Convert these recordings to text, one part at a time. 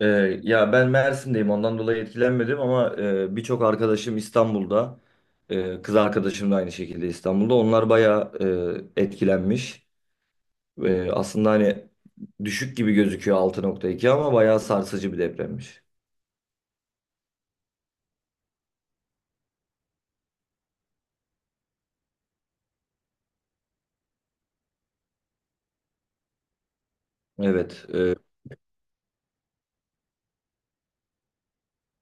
Ya ben Mersin'deyim ondan dolayı etkilenmedim ama birçok arkadaşım İstanbul'da. Kız arkadaşım da aynı şekilde İstanbul'da. Onlar bayağı etkilenmiş. Aslında hani düşük gibi gözüküyor 6.2 ama bayağı sarsıcı bir depremmiş. Evet, e,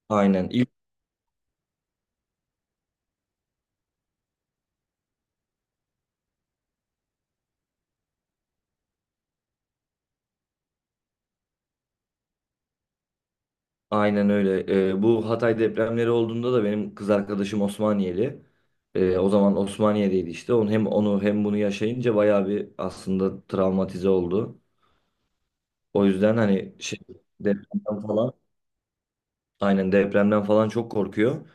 aynen ilk aynen öyle. Bu Hatay depremleri olduğunda da benim kız arkadaşım Osmaniyeli. O zaman Osmaniye'deydi işte. Onu hem onu hem bunu yaşayınca bayağı bir aslında travmatize oldu. O yüzden hani şey depremden falan aynen depremden falan çok korkuyor.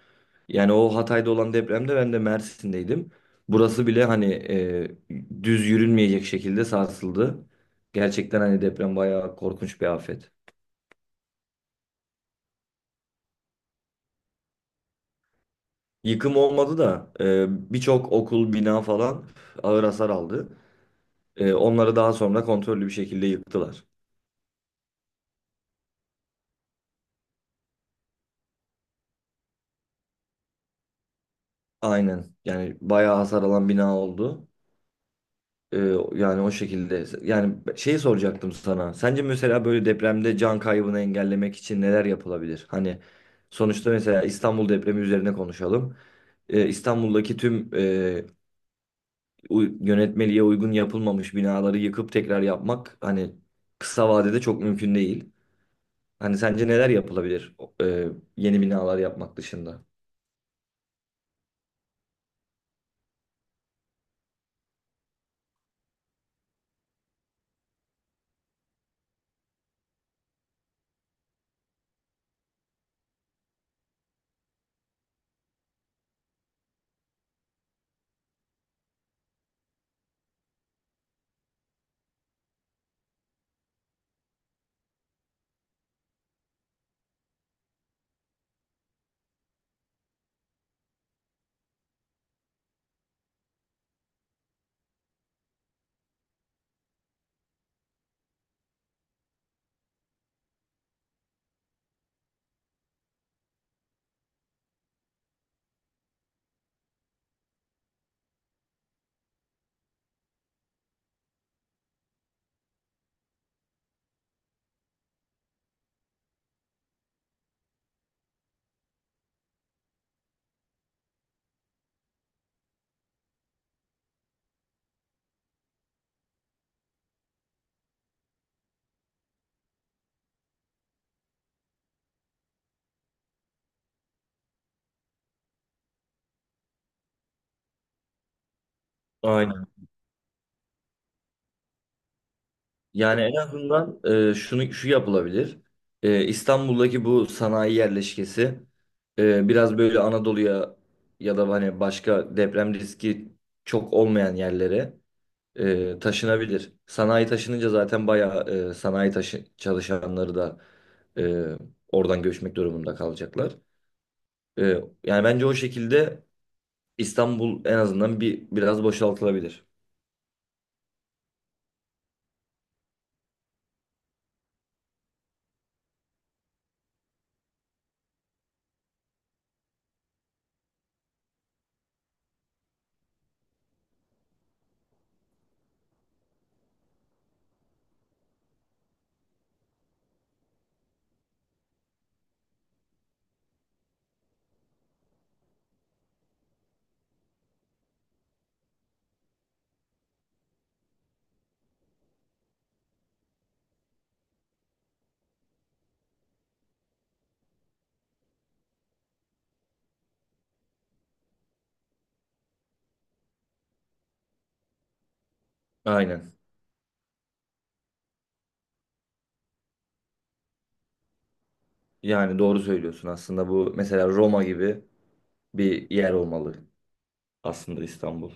Yani o Hatay'da olan depremde ben de Mersin'deydim. Burası bile hani düz yürünmeyecek şekilde sarsıldı. Gerçekten hani deprem bayağı korkunç bir afet. Yıkım olmadı da birçok okul, bina falan ağır hasar aldı. Onları daha sonra kontrollü bir şekilde yıktılar. Aynen, yani bayağı hasar alan bina oldu. Ee, Yani o şekilde. Yani şeyi soracaktım sana. Sence mesela böyle depremde can kaybını engellemek için neler yapılabilir? Hani sonuçta mesela İstanbul depremi üzerine konuşalım. İstanbul'daki tüm yönetmeliğe uygun yapılmamış binaları yıkıp tekrar yapmak hani kısa vadede çok mümkün değil. Hani sence neler yapılabilir e, yeni binalar yapmak dışında? Yani en azından e, şunu şu yapılabilir. İstanbul'daki bu sanayi yerleşkesi biraz böyle Anadolu'ya ya da hani başka deprem riski çok olmayan yerlere taşınabilir. Sanayi taşınınca zaten bayağı sanayi taşı çalışanları da e, oradan göçmek durumunda kalacaklar. E, Yani bence o şekilde İstanbul en azından biraz boşaltılabilir. Aynen. Yani doğru söylüyorsun, aslında bu mesela Roma gibi bir yer olmalı aslında İstanbul.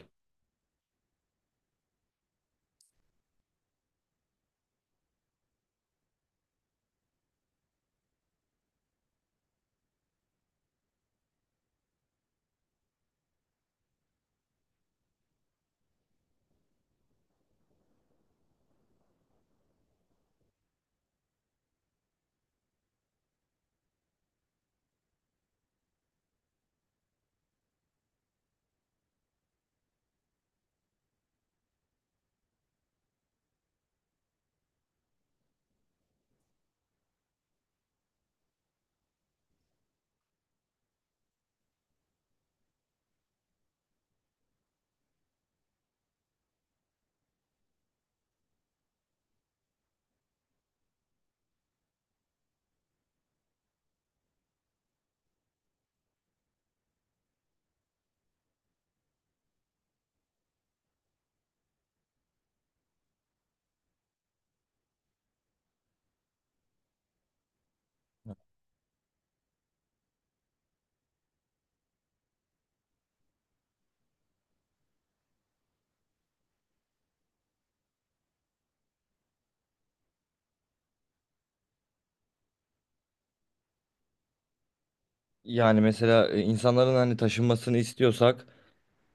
Yani mesela insanların hani taşınmasını istiyorsak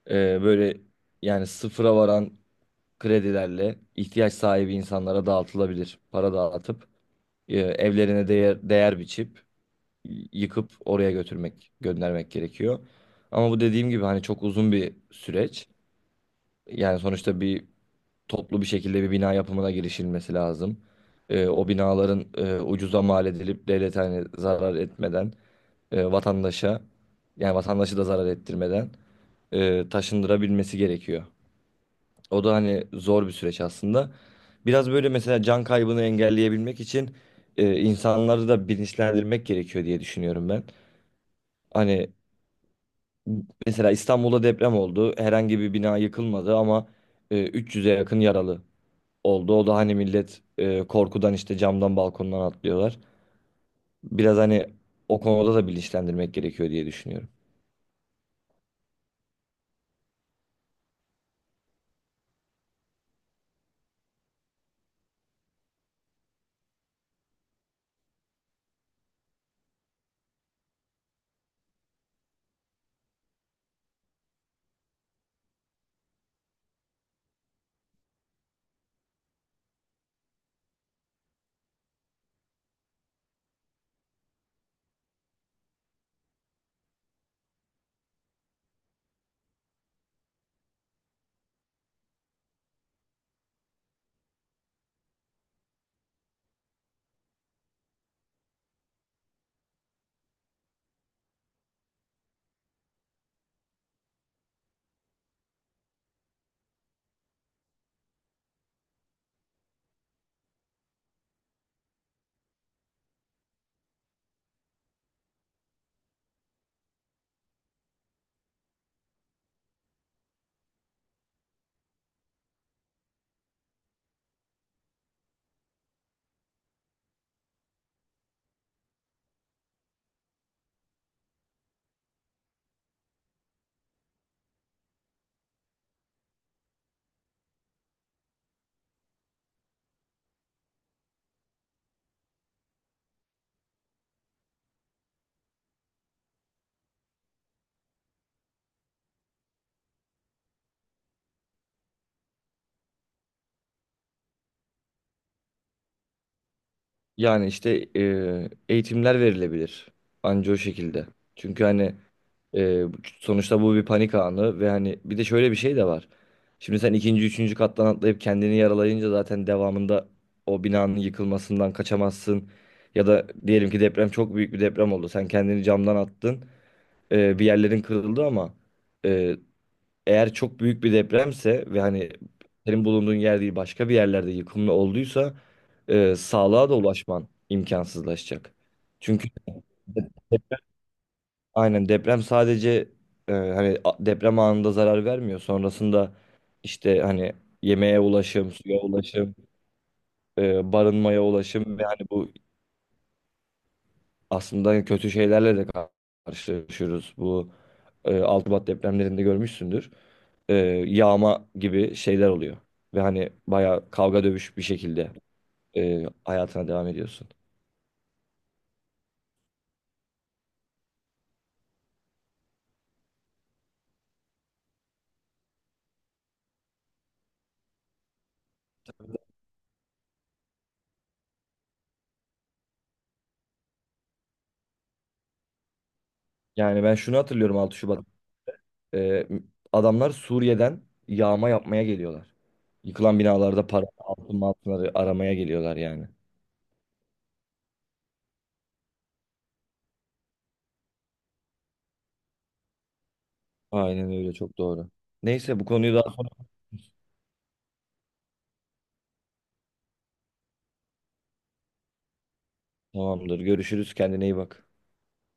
böyle yani sıfıra varan kredilerle ihtiyaç sahibi insanlara dağıtılabilir. Para dağıtıp evlerine değer biçip yıkıp oraya götürmek, göndermek gerekiyor. Ama bu, dediğim gibi, hani çok uzun bir süreç. Yani sonuçta toplu bir şekilde bir bina yapımına girişilmesi lazım. O binaların ucuza mal edilip devlete hani zarar etmeden vatandaşa, yani vatandaşı da zarar ettirmeden taşındırabilmesi gerekiyor. O da hani zor bir süreç aslında. Biraz böyle mesela can kaybını engelleyebilmek için insanları da bilinçlendirmek gerekiyor diye düşünüyorum ben. Hani mesela İstanbul'da deprem oldu. Herhangi bir bina yıkılmadı ama 300'e yakın yaralı oldu. O da hani millet korkudan işte camdan balkondan atlıyorlar. Biraz hani o konuda da bilinçlendirmek gerekiyor diye düşünüyorum. Yani işte eğitimler verilebilir. Anca o şekilde. Çünkü hani Ee, sonuçta bu bir panik anı ve hani bir de şöyle bir şey de var. Şimdi sen ikinci, üçüncü kattan atlayıp kendini yaralayınca zaten devamında o binanın yıkılmasından kaçamazsın. Ya da diyelim ki deprem çok büyük bir deprem oldu. Sen kendini camdan attın. Bir yerlerin kırıldı ama e, eğer çok büyük bir depremse ve hani senin bulunduğun yer değil başka bir yerlerde yıkımlı olduysa sağlığa da ulaşman imkansızlaşacak. Çünkü Aynen, deprem sadece deprem anında zarar vermiyor. Sonrasında işte hani yemeğe ulaşım, suya ulaşım, barınmaya ulaşım ve hani bu aslında kötü şeylerle de karşılaşıyoruz. Bu 6 Şubat depremlerinde görmüşsündür. E, Yağma gibi şeyler oluyor. Ve hani bayağı kavga dövüş bir şekilde hayatına devam ediyorsun. Yani ben şunu hatırlıyorum, 6 Şubat. Ee, Adamlar Suriye'den yağma yapmaya geliyorlar. Yıkılan binalarda para, altınları aramaya geliyorlar yani. Aynen öyle, çok doğru. Neyse, bu konuyu daha sonra tamamdır. Görüşürüz, kendine iyi bak.